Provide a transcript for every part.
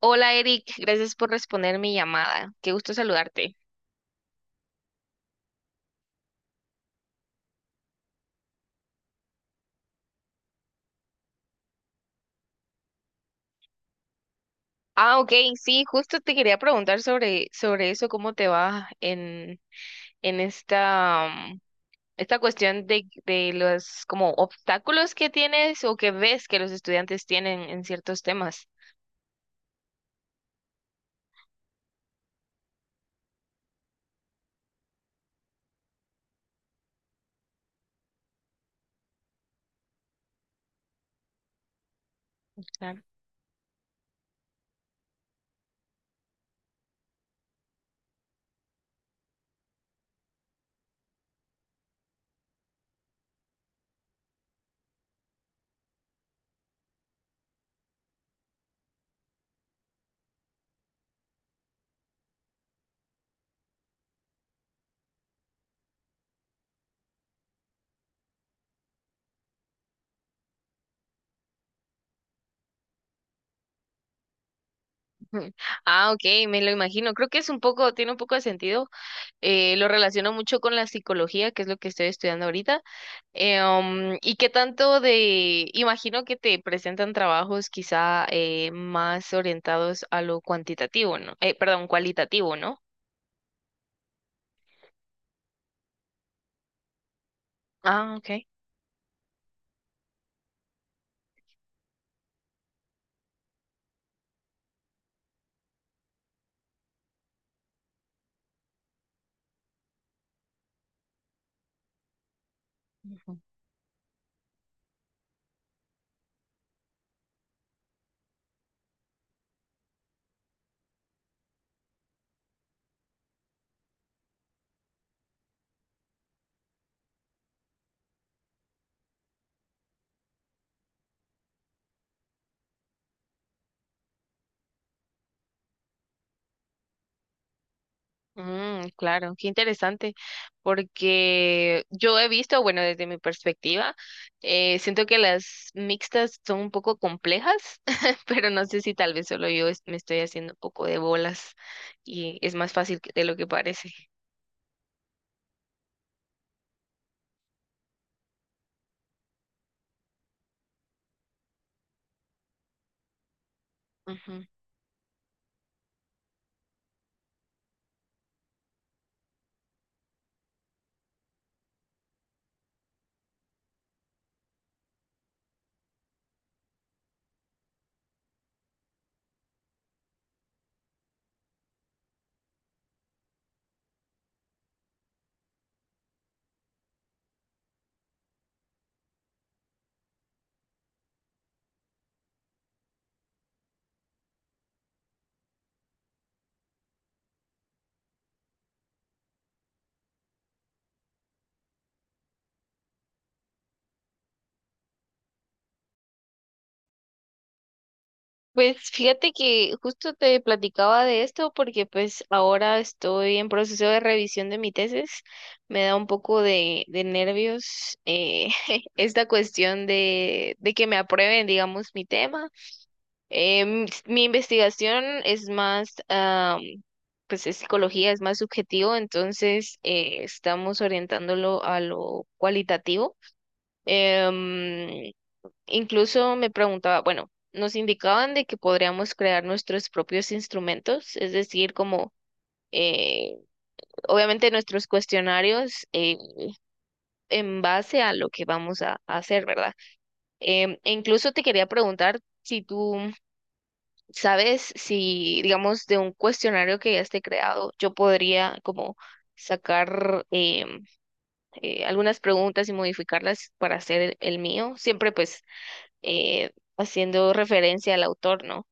Hola Eric, gracias por responder mi llamada. Qué gusto saludarte. Ah, ok, sí, justo te quería preguntar sobre eso, cómo te va en esta, esta cuestión de los como obstáculos que tienes o que ves que los estudiantes tienen en ciertos temas. Ujú. Ah, ok, me lo imagino. Creo que es un poco, tiene un poco de sentido. Lo relaciono mucho con la psicología, que es lo que estoy estudiando ahorita. ¿Y qué tanto de? Imagino que te presentan trabajos quizá más orientados a lo cuantitativo, ¿no? Perdón, cualitativo, ¿no? Ah, ok. Mm, claro, qué interesante, porque yo he visto, bueno, desde mi perspectiva, siento que las mixtas son un poco complejas, pero no sé si tal vez solo yo me estoy haciendo un poco de bolas y es más fácil de lo que parece. Pues fíjate que justo te platicaba de esto porque pues ahora estoy en proceso de revisión de mi tesis. Me da un poco de nervios esta cuestión de que me aprueben, digamos, mi tema. Mi investigación es más, pues es psicología, es más subjetivo, entonces estamos orientándolo a lo cualitativo. Em, Incluso me preguntaba, bueno, nos indicaban de que podríamos crear nuestros propios instrumentos, es decir, como eh, obviamente nuestros cuestionarios en base a lo que a hacer, ¿verdad? E incluso te quería preguntar si tú sabes si, digamos, de un cuestionario que ya esté creado, yo podría como sacar algunas preguntas y modificarlas para hacer el mío, siempre pues eh, haciendo referencia al autor, ¿no?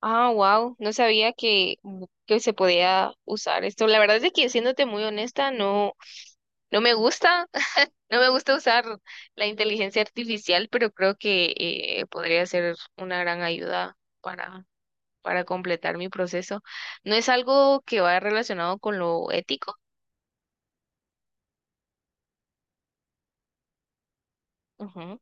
Ah, wow, no sabía que, que se podía usar esto. La verdad es que siéndote muy honesta, no me gusta, no me gusta usar la inteligencia artificial, pero creo que podría ser una gran ayuda para completar mi proceso. No es algo que vaya relacionado con lo ético. Ujú.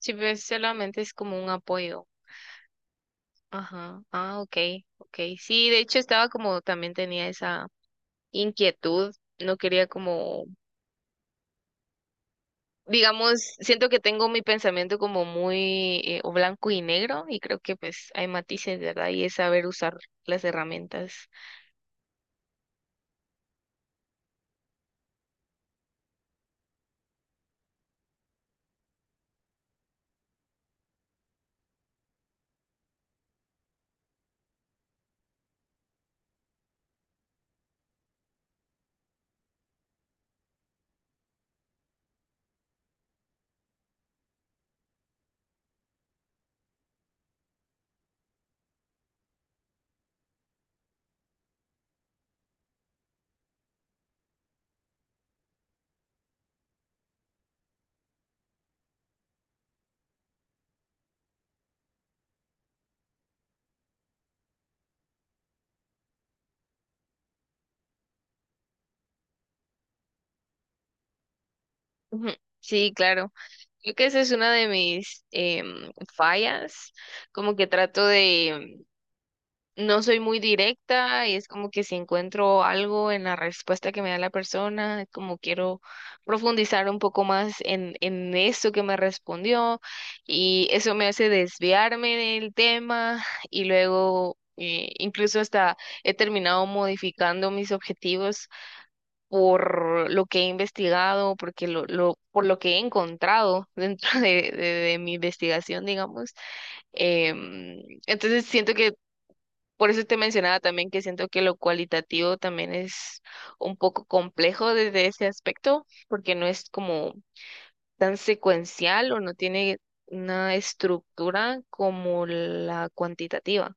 Sí, pues solamente es como un apoyo. Ajá. Ah, ok, ok. Sí, de hecho estaba como también tenía esa inquietud. No quería como digamos, siento que tengo mi pensamiento como muy o blanco y negro y creo que pues hay matices, ¿verdad? Y es saber usar las herramientas. Ujú. Sí, claro. Creo que esa es una de mis fallas, como que trato de... No soy muy directa y es como que si encuentro algo en la respuesta que me da la persona, es como quiero profundizar un poco más en eso que me respondió y eso me hace desviarme del tema y luego incluso hasta he terminado modificando mis objetivos por lo que he investigado, porque por lo que he encontrado dentro de mi investigación, digamos. Em, entonces siento que por eso te mencionaba también que siento que lo cualitativo también es un poco complejo desde ese aspecto, porque no es como tan secuencial o no tiene una estructura como la cuantitativa.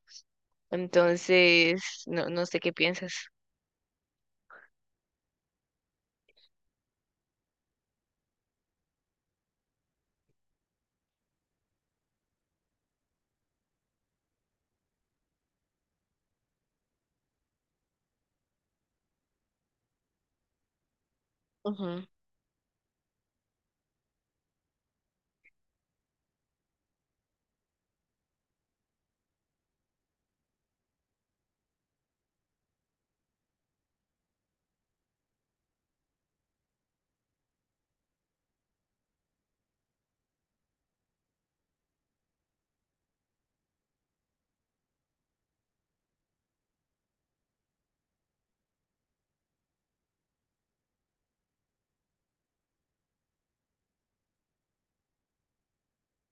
Entonces, no sé qué piensas.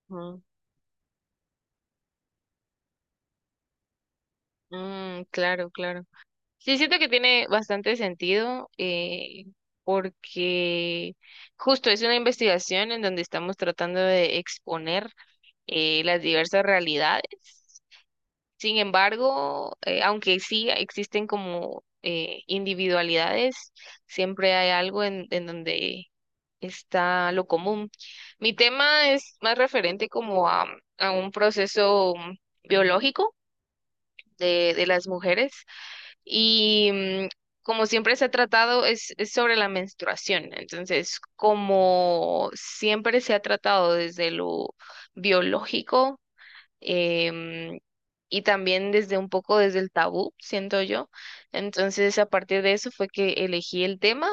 Ujú, ujú. Mm, claro, claro. Sí, siento que tiene bastante sentido porque justo es una investigación en donde estamos tratando de exponer las diversas realidades. Sin embargo, aunque sí existen como individualidades, siempre hay algo en donde está lo común. Mi tema es más referente como a un proceso biológico de las mujeres y como siempre se ha tratado, es sobre la menstruación. Entonces, como siempre se ha tratado desde lo biológico em, y también desde un poco desde el tabú, siento yo. Entonces, a partir de eso fue que elegí el tema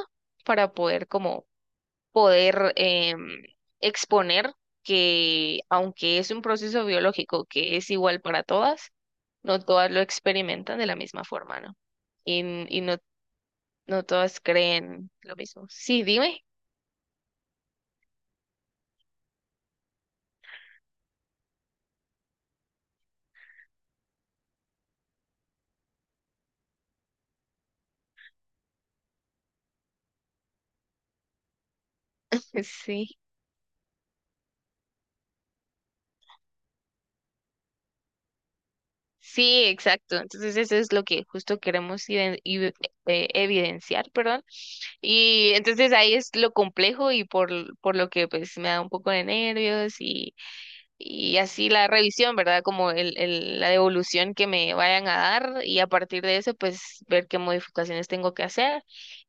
para poder como poder exponer que aunque es un proceso biológico que es igual para todas, no todas lo experimentan de la misma forma, ¿no? Y, y no, no todas creen lo mismo. Sí, dime. Sí, sí, exacto. Entonces eso es lo que justo queremos evidenciar, perdón. Y entonces ahí es lo complejo y por lo que pues me da un poco de nervios y así la revisión, ¿verdad? Como la devolución que me vayan a dar y a partir de eso, pues ver qué modificaciones tengo que hacer.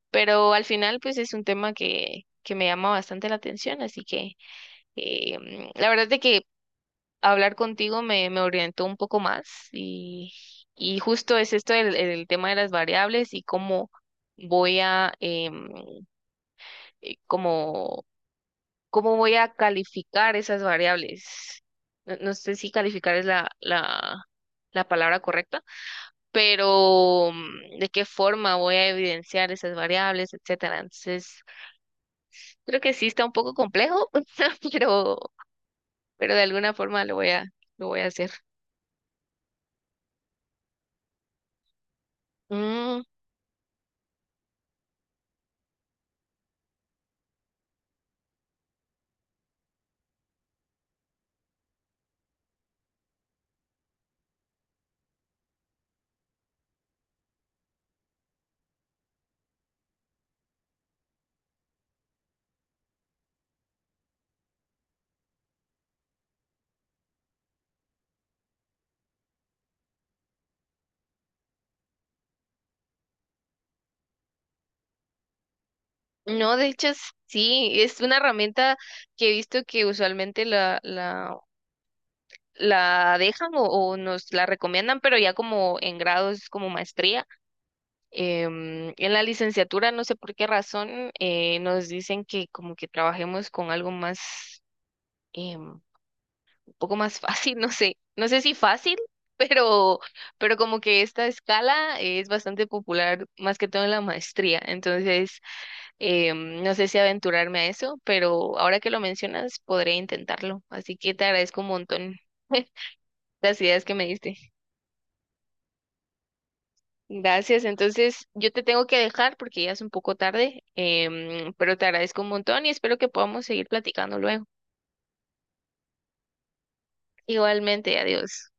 Pero al final, pues es un tema que me llama bastante la atención, así que la verdad es que hablar contigo me, me orientó un poco más y, y justo es esto el tema de las variables y cómo voy a em, como ¿cómo voy a calificar esas variables? No, no sé si calificar es la palabra correcta, pero de qué forma voy a evidenciar esas variables, etcétera. Entonces, creo que sí está un poco complejo, pero, pero de alguna forma lo voy a hacer. Mm, no, de hecho, sí, es una herramienta que he visto que usualmente la dejan o nos la recomiendan, pero ya como en grados como maestría. En la licenciatura, no sé por qué razón, nos dicen que como que trabajemos con algo más, em, un poco más fácil, no sé, no sé si fácil, pero, pero como que esta escala es bastante popular, más que todo en la maestría. Entonces, no sé si aventurarme a eso, pero ahora que lo mencionas, podré intentarlo. Así que te agradezco un montón las ideas que me diste. Gracias. Entonces, yo te tengo que dejar porque ya es un poco tarde, pero te agradezco un montón y espero que podamos seguir platicando luego. Igualmente, adiós.